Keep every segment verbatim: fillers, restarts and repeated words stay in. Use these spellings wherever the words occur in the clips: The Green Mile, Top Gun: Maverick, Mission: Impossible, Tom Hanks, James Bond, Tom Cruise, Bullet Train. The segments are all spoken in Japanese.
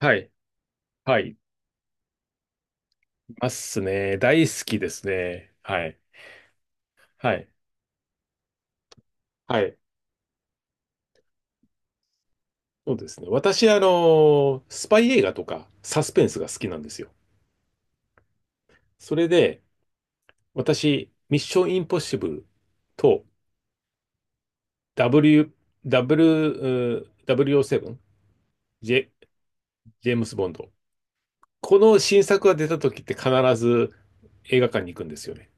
はい。はい。いますね。大好きですね。はい。はい。はい。そうですね。私、あの、スパイ映画とかサスペンスが好きなんですよ。それで、私、ミッションインポッシブルと W、W、うー ダブルオーセブン、ジェ、ジェームス・ボンド。この新作が出た時って必ず映画館に行くんですよね。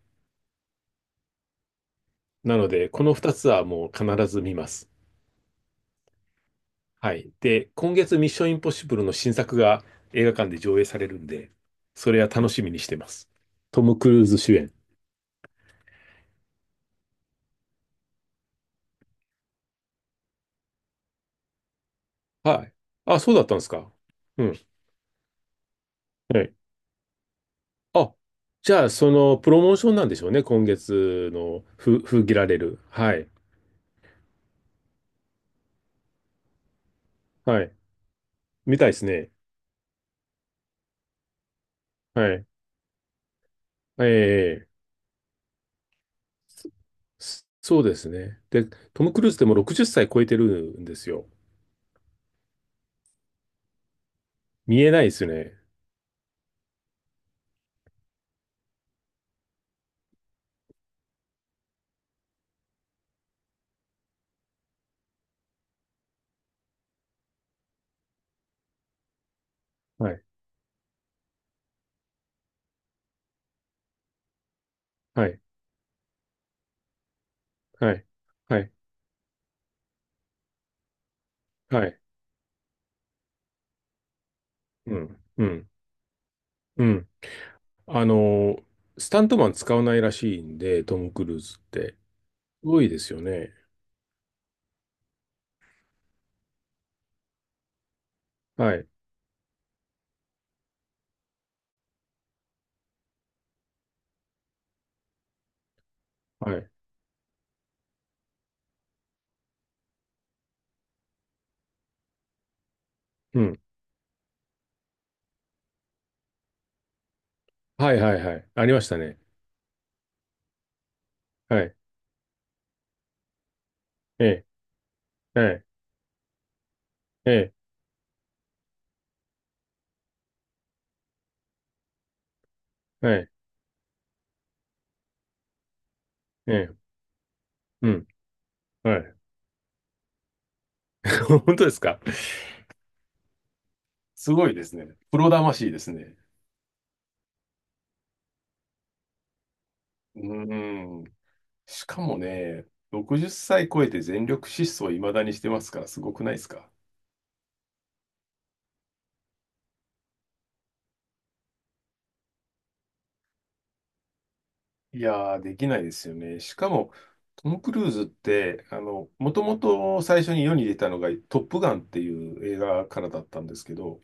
なので、このふたつはもう必ず見ます。はい。で、今月ミッションインポッシブルの新作が映画館で上映されるんで、それは楽しみにしてます。トム・クルーズ主演。はい。あ、そうだったんですか？うん。はい。あ、じゃあ、その、プロモーションなんでしょうね。今月の、ふ、封切られる。はい。はい。みたいですね。はい。ええ、そそうですね。で、トム・クルーズってもうろくじゅっさい超えてるんですよ。見えないですね。はい。はい。はい。はい。はい。うん。うん。うん。あの、スタントマン使わないらしいんで、トム・クルーズって。すごいですよね。はい、はい、うん。はい、はい、はい。ありましたね。はい、ええ、はい、ええ、はい、ええ、うん、はい。本当ですか？すごいですね。プロ魂ですね。うーん。しかもね、ろくじゅっさい超えて全力疾走いまだにしてますから、すごくないですか？いやー、できないですよね。しかも、トム・クルーズって、あの、もともと最初に世に出たのが、トップガンっていう映画からだったんですけど、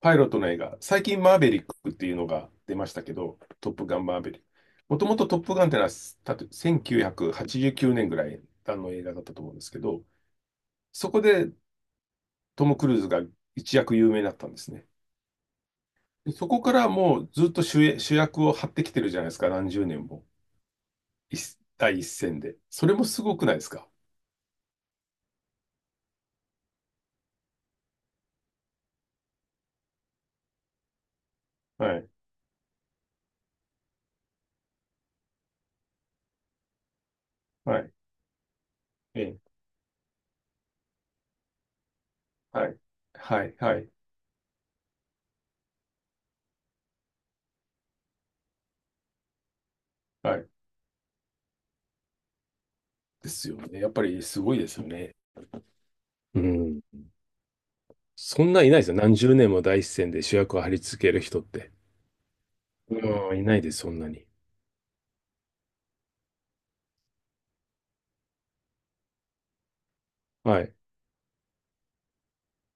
パイロットの映画、最近マーヴェリックっていうのが出ましたけど、トップガンマーヴェリック。もともとトップガンってのは、たとせんきゅうひゃくはちじゅうきゅうねんぐらいあの映画だったと思うんですけど、そこでトム・クルーズが一躍有名になったんですね。そこからもうずっと主演主役を張ってきてるじゃないですか、何十年も。一第一線で。それもすごくないですか？はい。はい。ええ。はい。はい。はい。はい。ですよね。やっぱりすごいですよね。うん。そんないないですよ。何十年も第一線で主役を張り付ける人って。うん。いないです、そんなに。はい。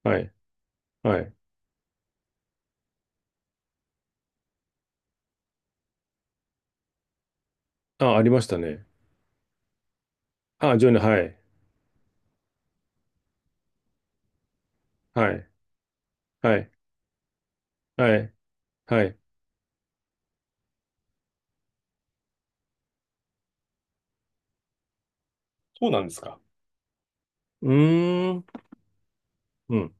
はい。はい。あ、ありましたね。あ、ジョニー、はい。はい。はい。はい。はい。そうなんですか？うーん。うん。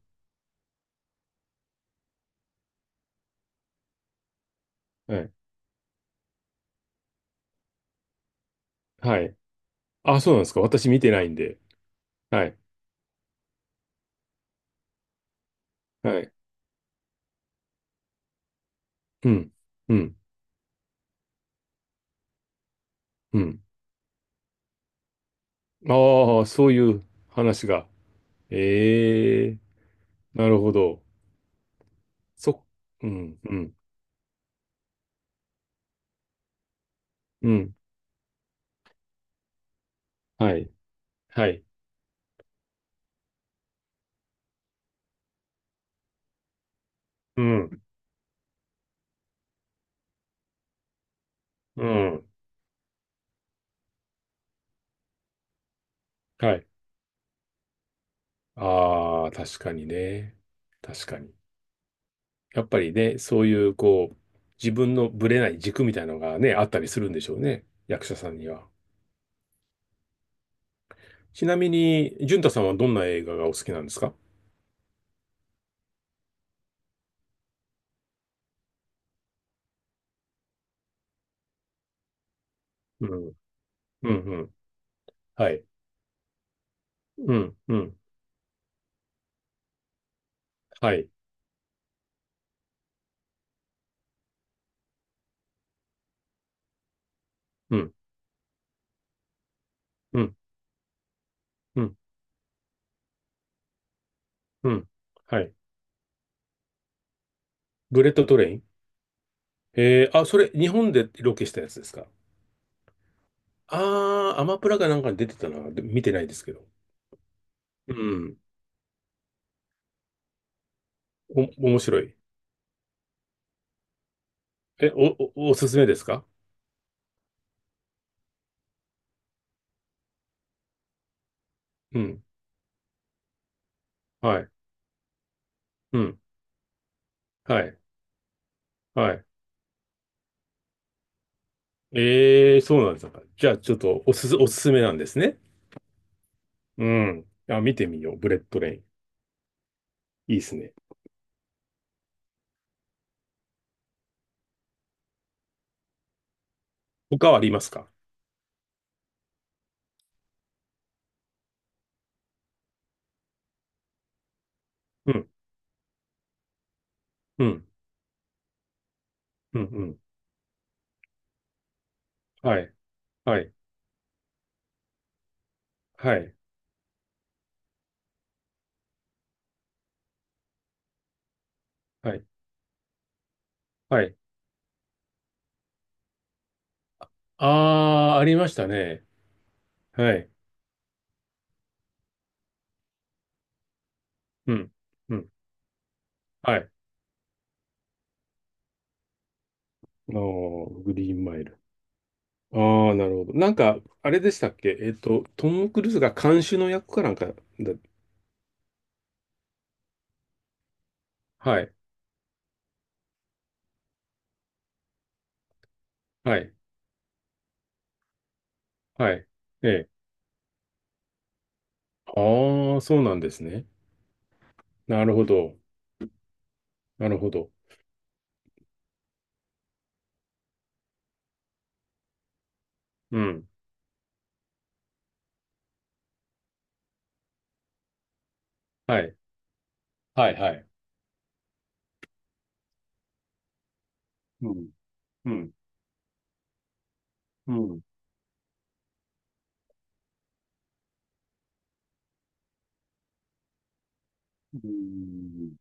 はい。はい。あ、そうなんですか？私見てないんで。はい。はい。うん。うん。うん。ああ、そういう話が。ええ、なるほど。そ、うん、うん、うん。はい、はい。うん、うん、はい。ああ、確かにね。確かに。やっぱりね、そういう、こう、自分のぶれない軸みたいなのがね、あったりするんでしょうね。役者さんには。ちなみに、淳太さんはどんな映画がお好きなんですか？うん、うん、うん。はい。うん、うん、はい。うん、うん、うん、うん。はい。ブレットトレイン。えー、あ、それ、日本でロケしたやつですか？あー、アマプラかなんかに出てたな。で見てないですけど。うん。お、面白い。え、お、お、おすすめですか？うん。はい。うん。はい。はい。えー、そうなんですか？じゃあ、ちょっと、おすす、おすすめなんですね。うん。あ、見てみよう。ブレッドレイン。いいですね。他はありますか？うん。うん。うん。うん。はい。はい。はい。はい。はい。あー、ありましたね。はい。うん。うん。はい。あのーグリーンマイル。ああ、なるほど。なんか、あれでしたっけ？えっと、トム・クルーズが監修の役かなんかだ。はい、はい、はい。ええ。ああ、そうなんですね。なるほど。なるほど。うん。はい、はい、はい。うん、うん、うん。うーん。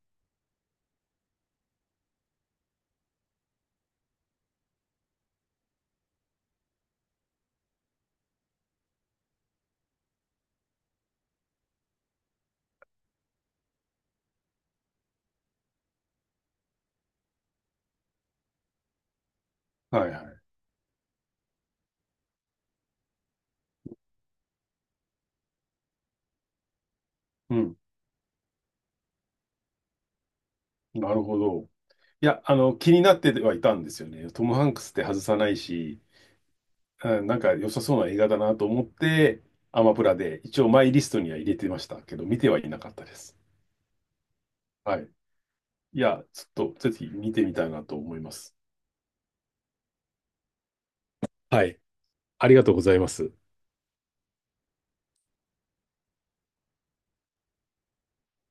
はい、はい。うん。なるほど。いや、あの、気になってはいたんですよね。トム・ハンクスって外さないし、うん、なんか良さそうな映画だなと思って、アマプラで一応マイリストには入れてましたけど、見てはいなかったです。はい。いや、ちょっとぜひ見てみたいなと思います。はい。ありがとうございます。